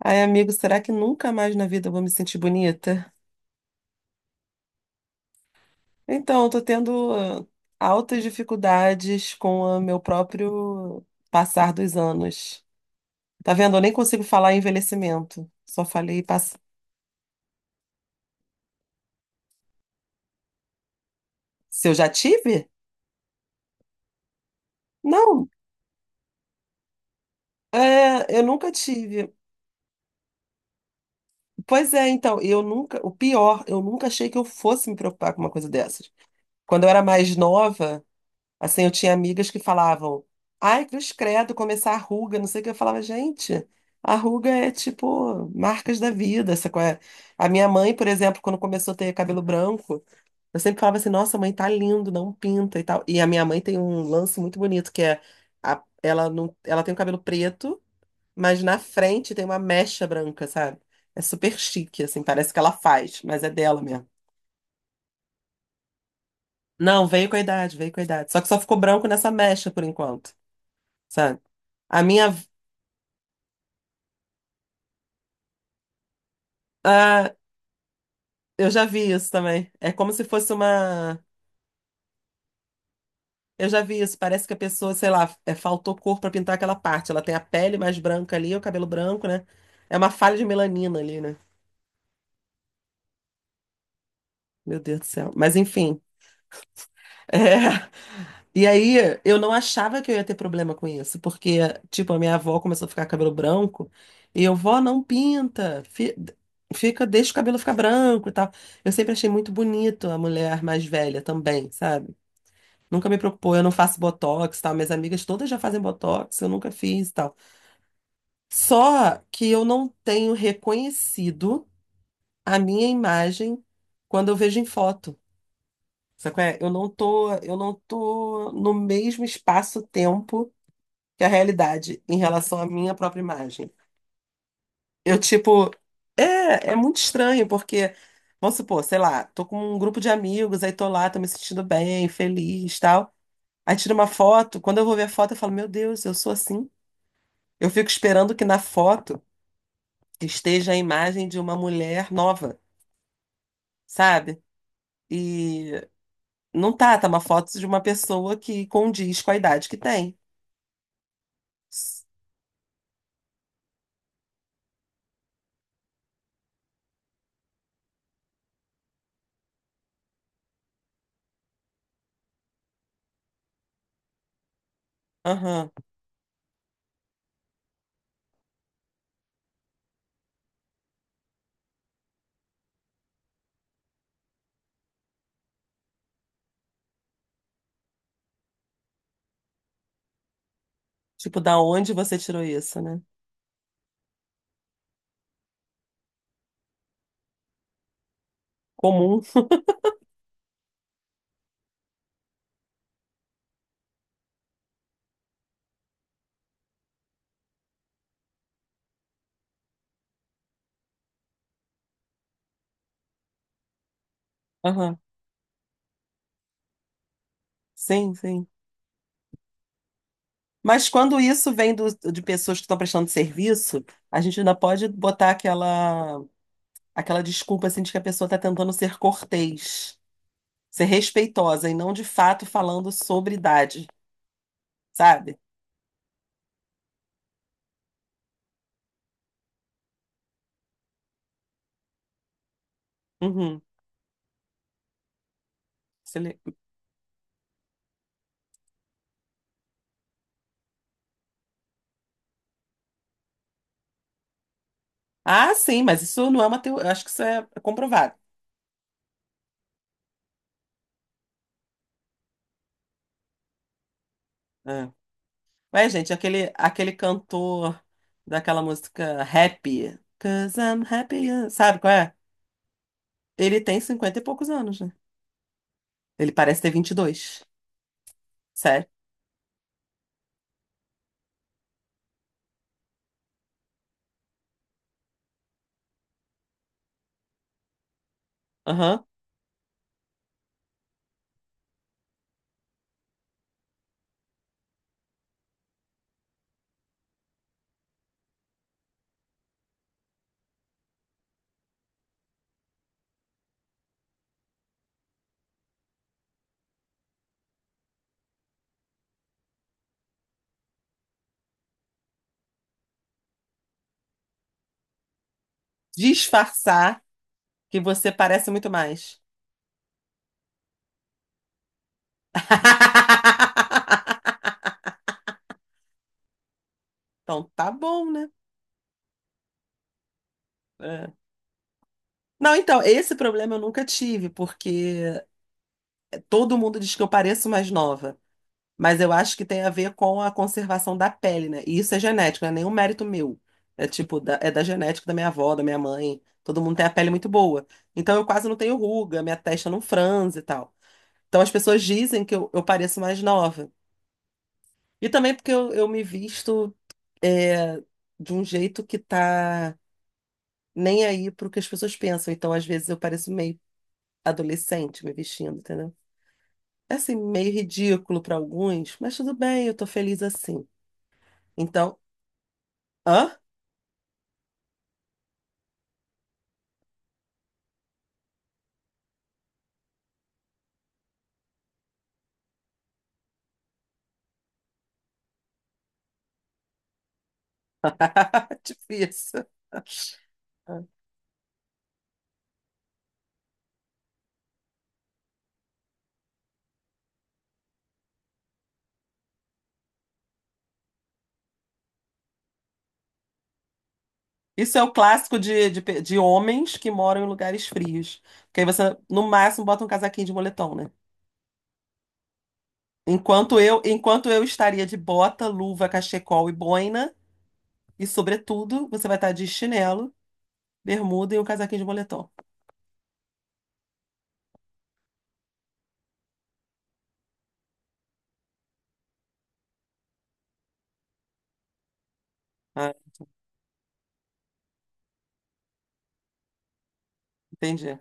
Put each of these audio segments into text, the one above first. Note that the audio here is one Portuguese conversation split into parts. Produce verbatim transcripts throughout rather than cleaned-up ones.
Ai, amigo, será que nunca mais na vida eu vou me sentir bonita? Então, eu tô tendo ah, altas dificuldades com o meu próprio passar dos anos. Tá vendo? Eu nem consigo falar em envelhecimento. Só falei pass... se eu já tive? Não, é, eu nunca tive. Pois é, então, eu nunca, o pior, eu nunca achei que eu fosse me preocupar com uma coisa dessas. Quando eu era mais nova, assim, eu tinha amigas que falavam, ai, cruz credo, começar a ruga, não sei o que. Eu falava, gente, a ruga é tipo marcas da vida, sacou? É? A minha mãe, por exemplo, quando começou a ter cabelo branco, eu sempre falava assim, nossa, mãe, tá lindo, não pinta e tal. E a minha mãe tem um lance muito bonito, que é, a- ela, não, ela tem o cabelo preto, mas na frente tem uma mecha branca, sabe? É super chique, assim, parece que ela faz, mas é dela mesmo. Não, veio com a idade, veio com a idade. Só que só ficou branco nessa mecha por enquanto. Sabe? A minha. Ah, eu já vi isso também. É como se fosse uma. Eu já vi isso. Parece que a pessoa, sei lá, é, faltou cor pra pintar aquela parte. Ela tem a pele mais branca ali, o cabelo branco, né? É uma falha de melanina ali, né? Meu Deus do céu. Mas enfim. É. E aí, eu não achava que eu ia ter problema com isso, porque, tipo, a minha avó começou a ficar com cabelo branco e eu, vó, não pinta. Fi- Fica, deixa o cabelo ficar branco e tal. Eu sempre achei muito bonito a mulher mais velha também, sabe? Nunca me preocupou, eu não faço botox, tal. Minhas amigas todas já fazem botox, eu nunca fiz, tal. Só que eu não tenho reconhecido a minha imagem quando eu vejo em foto. Sabe qual é? Eu não tô, eu não tô no mesmo espaço-tempo que a realidade em relação à minha própria imagem. Eu, tipo, é, é muito estranho, porque, vamos supor, sei lá, tô com um grupo de amigos, aí tô lá, tô me sentindo bem, feliz, tal. Aí tiro uma foto, quando eu vou ver a foto, eu falo, meu Deus, eu sou assim? Eu fico esperando que na foto esteja a imagem de uma mulher nova, sabe? E não tá, tá uma foto de uma pessoa que condiz com a idade que tem. S- Aham. Tipo, da onde você tirou isso, né? Comum. Aham. Sim, sim. Mas quando isso vem do- de pessoas que estão prestando serviço, a gente ainda pode botar aquela, aquela desculpa assim, de que a pessoa está tentando ser cortês, ser respeitosa e não de fato falando sobre idade, sabe? Uhum. Excelente. Ah, sim, mas isso não é uma teoria. Acho que isso é comprovado. É. Ué, gente, aquele, aquele cantor daquela música Happy, 'Cause I'm happy, uh, sabe qual é? Ele tem cinquenta e poucos anos, né? Ele parece ter vinte e dois. Sério? Aham. Disfarçar que você parece muito mais. Então tá bom, né? É. Não, então, esse problema eu nunca tive, porque todo mundo diz que eu pareço mais nova. Mas eu acho que tem a ver com a conservação da pele, né? E isso é genético, não é nenhum mérito meu. É tipo, da, é da genética da minha avó, da minha mãe. Todo mundo tem a pele muito boa. Então eu quase não tenho ruga, minha testa não franze e tal. Então as pessoas dizem que eu, eu pareço mais nova. E também porque eu, eu me visto é, de um jeito que tá nem aí pro que as pessoas pensam. Então às vezes eu pareço meio adolescente me vestindo, entendeu? É assim, meio ridículo para alguns, mas tudo bem, eu tô feliz assim. Então. Hã? Difícil. Isso é o clássico de, de, pe- de homens que moram em lugares frios. Porque aí você, no máximo, bota um casaquinho de moletom, né? Enquanto eu, enquanto eu estaria de bota, luva, cachecol e boina, e sobretudo, você vai estar de chinelo, bermuda e um casaquinho de moletom. Ah, entendi,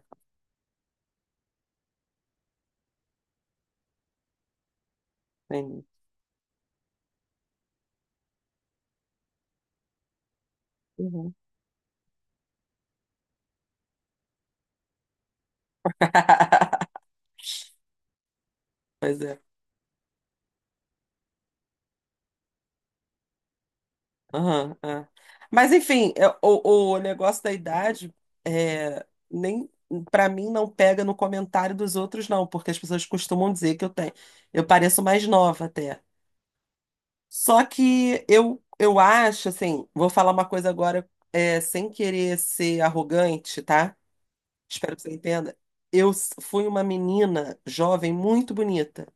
entendi. Uhum. Pois é. Aham, é. Mas enfim, é, o, o negócio da idade é, nem para mim não pega no comentário dos outros, não, porque as pessoas costumam dizer que eu tenho, eu pareço mais nova até. Só que eu, eu acho, assim, vou falar uma coisa agora, é, sem querer ser arrogante, tá? Espero que você entenda. Eu s- fui uma menina jovem muito bonita.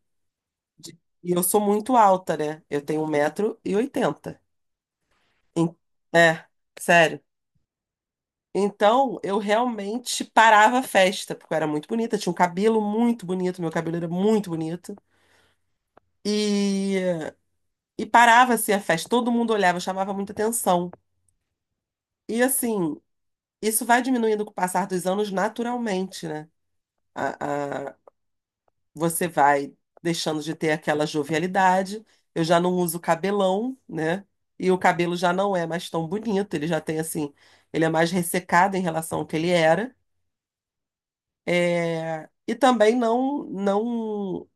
De- E eu sou muito alta, né? Eu tenho um 1,80m. É, sério. Então, eu realmente parava a festa, porque eu era muito bonita, tinha um cabelo muito bonito, meu cabelo era muito bonito. E, e parava assim a festa, todo mundo olhava, chamava muita atenção. E assim, isso vai diminuindo com o passar dos anos naturalmente, né? A, a- você vai deixando de ter aquela jovialidade. Eu já não uso cabelão, né? E o cabelo já não é mais tão bonito, ele já tem assim, ele é mais ressecado em relação ao que ele era. É, e também não, não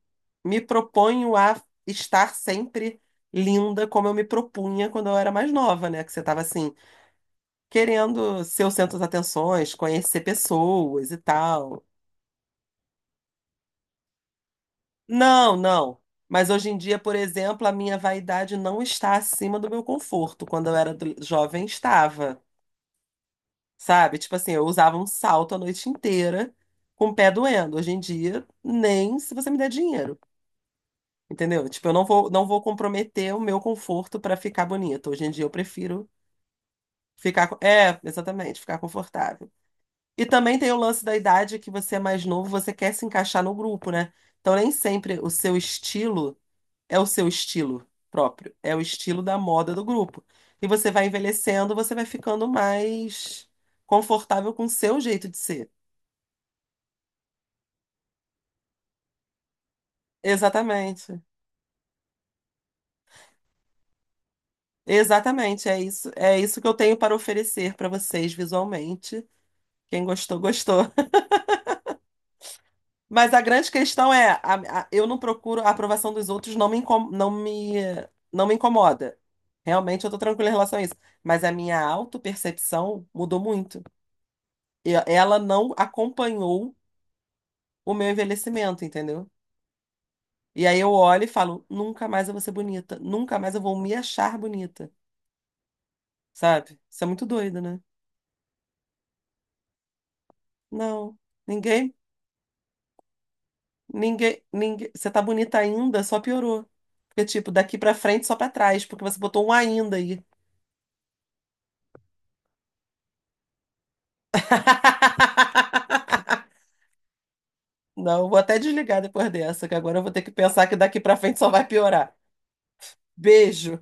me proponho a estar sempre linda como eu me propunha quando eu era mais nova, né? Que você estava assim, querendo ser o centro das atenções, conhecer pessoas e tal. Não, não. Mas hoje em dia, por exemplo, a minha vaidade não está acima do meu conforto. Quando eu era do- jovem, estava, sabe? Tipo assim, eu usava um salto a noite inteira com o pé doendo. Hoje em dia, nem se você me der dinheiro. Entendeu? Tipo, eu não vou, não vou comprometer o meu conforto pra ficar bonito. Hoje em dia eu prefiro ficar. co- É, exatamente, ficar confortável. E também tem o lance da idade que você é mais novo, você quer se encaixar no grupo, né? Então nem sempre o seu estilo é o seu estilo próprio, é o estilo da moda do grupo. E você vai envelhecendo, você vai ficando mais confortável com o seu jeito de ser. Exatamente. Exatamente, é isso, é isso que eu tenho para oferecer para vocês visualmente. Quem gostou, gostou. Mas a grande questão é, a- a- eu não procuro a aprovação dos outros, não me, incom- não me, não me incomoda. Realmente eu tô tranquila em relação a isso. Mas a minha autopercepção mudou muito. E ela não acompanhou o meu envelhecimento, entendeu? E aí eu olho e falo, nunca mais eu vou ser bonita, nunca mais eu vou me achar bonita, sabe? Isso é muito doido, né? Não, ninguém, ninguém, ninguém, você tá bonita ainda, só piorou. Porque, tipo, daqui pra frente, só pra trás, porque você botou um ainda aí. Não, vou até desligar depois dessa, que agora eu vou ter que pensar que daqui pra frente só vai piorar. Beijo.